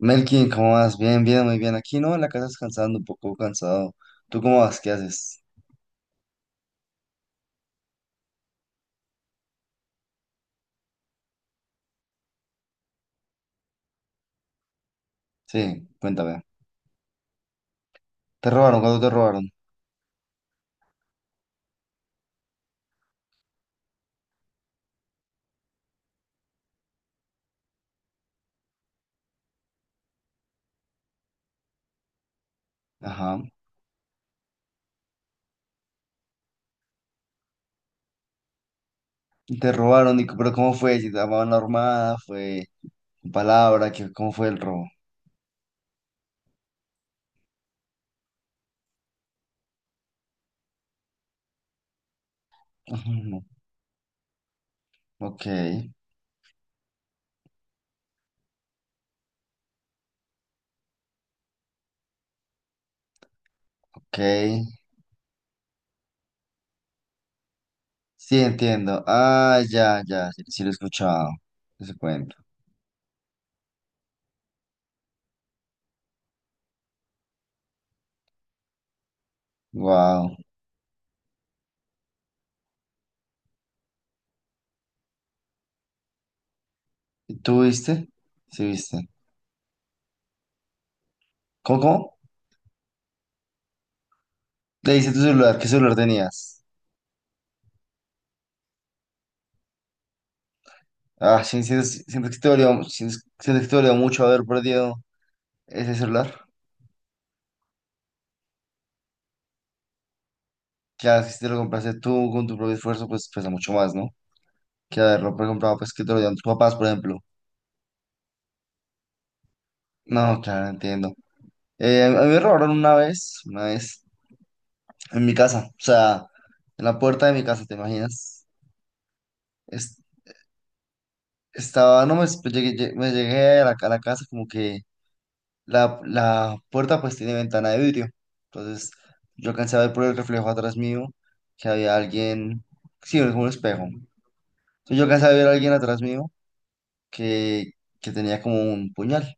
Melkin, ¿cómo vas? Bien, bien, muy bien. Aquí no, en la casa descansando, un poco cansado. ¿Tú cómo vas? ¿Qué haces? Sí, cuéntame. ¿Te robaron? ¿Cuándo te robaron? Ajá. ¿Te robaron? ¿Y c- pero cómo fue? ¿Si te llamaban la armada? ¿Fue con palabra? ¿Qué, cómo fue el robo? Ujú. Ok, ok. Sí, entiendo. Ah, ya, ya, sí, sí lo he escuchado. Ese cuento. Wow. ¿Tú viste? Sí, viste. ¿Cómo, cómo? Le dice tu celular, ¿qué celular tenías? Ah, sí, siento, siento que te dolió, siento, siento que te dolió mucho haber perdido ese celular. Claro, que si te lo compraste tú con tu propio esfuerzo, pues pesa mucho más, ¿no? Que haberlo comprado, pues que te lo dieron tus papás, por ejemplo. No, claro, entiendo. A mí me robaron una vez, en mi casa, o sea, en la puerta de mi casa, ¿te imaginas? Es- estaba, no, me, pues, llegué, lle- me llegué a la casa como que la puerta pues tiene ventana de vidrio. Entonces yo alcancé a ver por el reflejo atrás mío que había alguien, sí, era como un espejo. Entonces yo alcancé a ver a alguien atrás mío que, que tenía como un puñal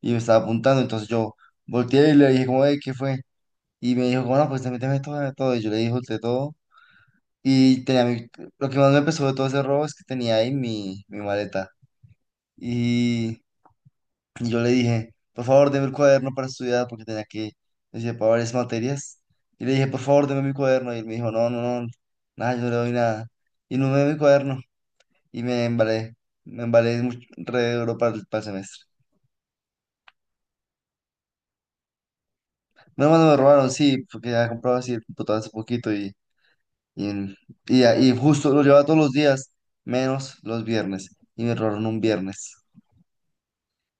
y me estaba apuntando. Entonces yo volteé y le dije como, "Ey, ¿qué fue? Y me dijo, bueno, pues te méteme todo, dame todo". Y yo le dije, de todo. Y tenía mi, lo que más me pesó de todo ese robo es que tenía ahí mi, mi maleta. Y y yo le dije, por favor, deme el cuaderno para estudiar porque tenía que decir para varias materias. Y le dije, por favor, deme mi cuaderno. Y él me dijo, no, no, no, nada, yo no le doy nada. Y no me dio mi cuaderno. Y me embalé mucho, re duro para el semestre. Menos mal no me robaron, sí, porque ya compraba así el computador hace poquito y, en- y, a- y justo lo llevaba todos los días, menos los viernes. Y me robaron un viernes.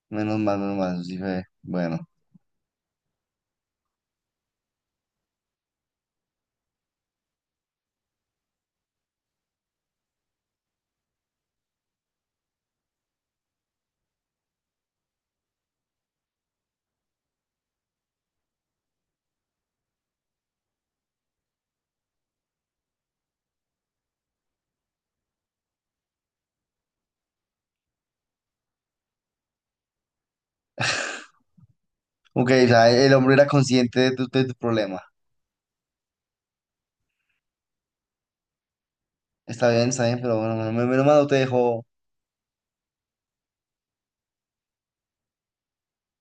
Menos mal, menos mal. Dije, bueno. Ok, o sea, el hombre era consciente de tu problema. Está bien, pero bueno, me me lo no te dejó.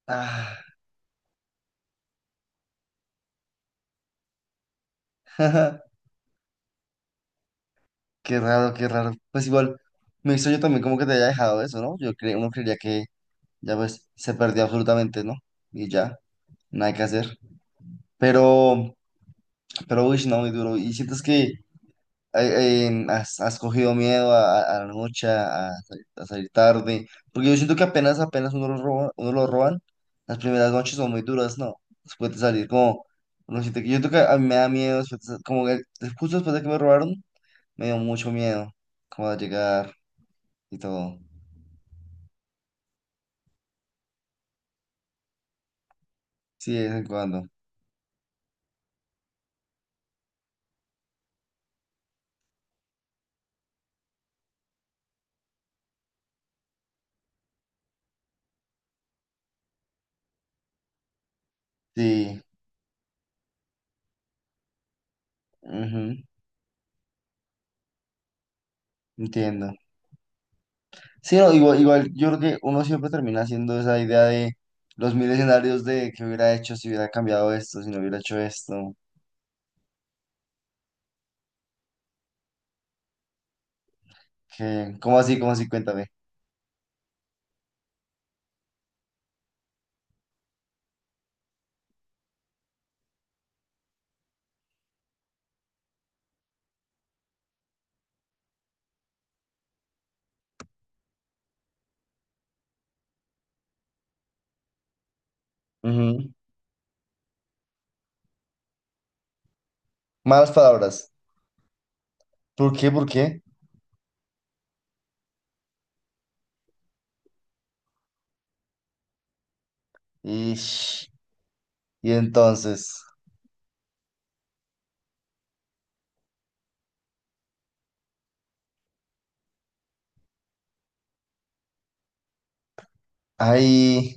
Ah, qué raro, qué raro. Pues igual, me hizo yo también como que te haya dejado eso, ¿no? Yo creo, uno creería que ya pues se perdió absolutamente, ¿no? Y ya, nada que hacer. Pero, pero, uy, no, muy duro. ¿Y sientes que has, has cogido miedo a la noche, a salir tarde, porque yo siento que apenas, apenas uno lo roba, uno lo roban, las primeras noches son muy duras, ¿no? Después de salir, como, uno siente que yo siento que a mí me da miedo, después de sa- como que des- justo después de que me robaron, me dio mucho miedo, como a llegar y todo. Sí, de vez en cuando. Sí, ujú, entiendo. Sí, no, igual, igual, yo creo que uno siempre termina haciendo esa idea de los mil escenarios de qué hubiera hecho si hubiera cambiado esto, si no hubiera hecho esto. Que ¿cómo así? ¿Cómo así? Cuéntame. Ujú. Malas palabras. ¿Por qué? ¿Por qué? Ish. Y, entonces, ay,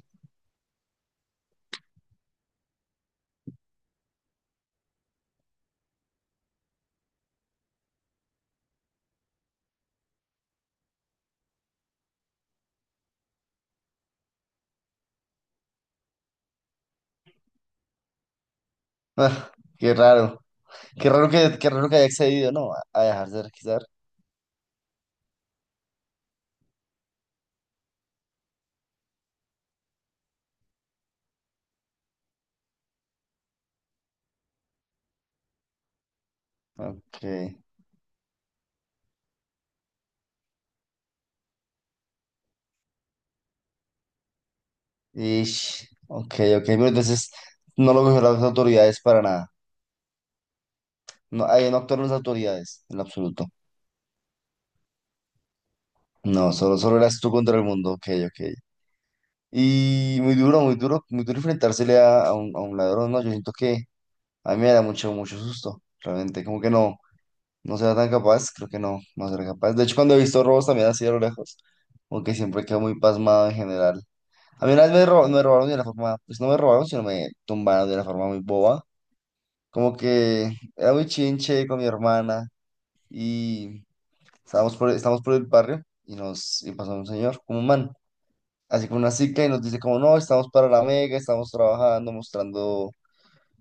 ah, qué raro. Qué raro que haya accedido, ¿no? A dejarse requisar. Ok. Ish, ok, ok. Pero entonces no lo cogieron las autoridades para nada. No, ahí no actuaron las autoridades, en lo absoluto. No, solo, solo eras tú contra el mundo. Ok, ok. Y muy duro, muy duro, muy duro enfrentársele a un ladrón, ¿no? Yo siento que a mí me da mucho, mucho susto, realmente. Como que no, no será tan capaz, creo que no, no será capaz. De hecho, cuando he visto robos también así a lo lejos, como que siempre quedo muy pasmado en general. A mí una vez me, ro- me robaron de una forma, pues no me robaron, sino me tumbaron de una forma muy boba. Como que era muy chinche con mi hermana y estábamos por, estábamos por el barrio y nos y pasó un señor, como un man, así con una cicla y nos dice como, no, estamos para la mega, estamos trabajando, mostrando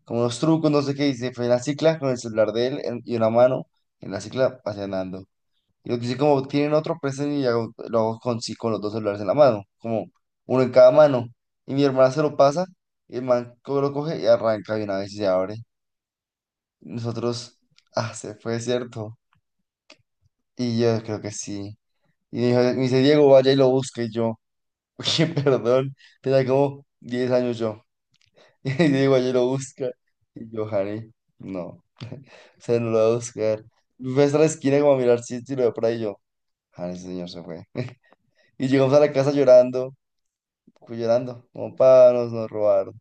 como unos trucos, no sé qué, y se fue en la cicla con el celular de él en- y una mano en la cicla paseando. Y lo que dice como, tienen otro, presten y hago- lo hago con, sí, con los dos celulares en la mano, como uno en cada mano. Y mi hermana se lo pasa, y el man co- lo coge y arranca de una vez y se abre. Nosotros, ah, se fue, ¿cierto? Y yo creo que sí. Y me dijo- me dice, Diego, vaya y lo busque. Y yo, oye, perdón, tenía como 10 años yo. Y Diego, vaya y lo busca. Y yo, Jare, no. Se lo voy a buscar. Fui hasta la esquina como a mirar si, si lo veo por ahí yo. Ah, ese señor se fue. Y llegamos a la casa llorando, pues, llorando, como para nos, nos robaron.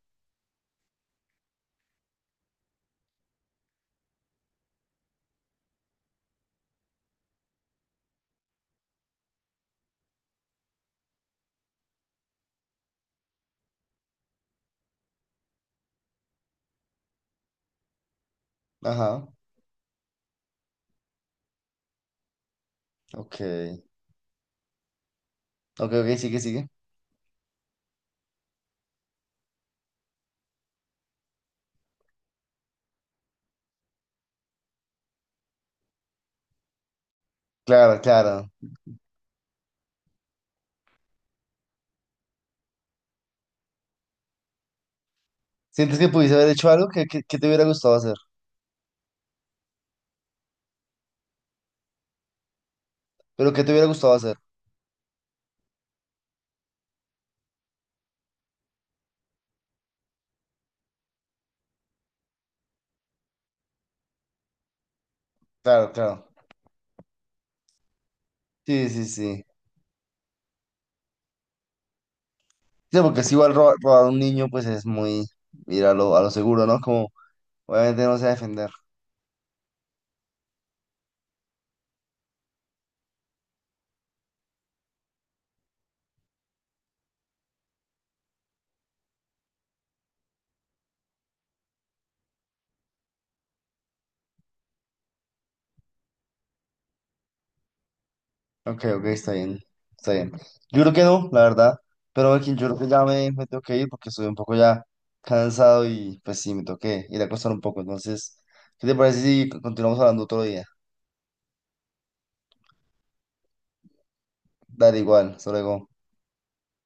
Ajá, ok. Ok, ok, sigue, sigue. Claro, claro. ¿Sientes que pudiste haber hecho algo que te hubiera gustado hacer? ¿Pero que te hubiera gustado hacer? Claro, claro. Sí, sí, sí. Sí, porque si igual robar, robar a un niño, pues es muy ir a lo seguro, ¿no? Como obviamente no se va a defender. Ok, ok, está bien, está bien. Yo creo que no, la verdad. Pero aquí yo creo que ya me tengo que ir porque estoy un poco ya cansado y pues sí, me tengo que ir a acostar un poco. Entonces, ¿qué te parece si continuamos hablando otro día? Dale igual, hasta luego.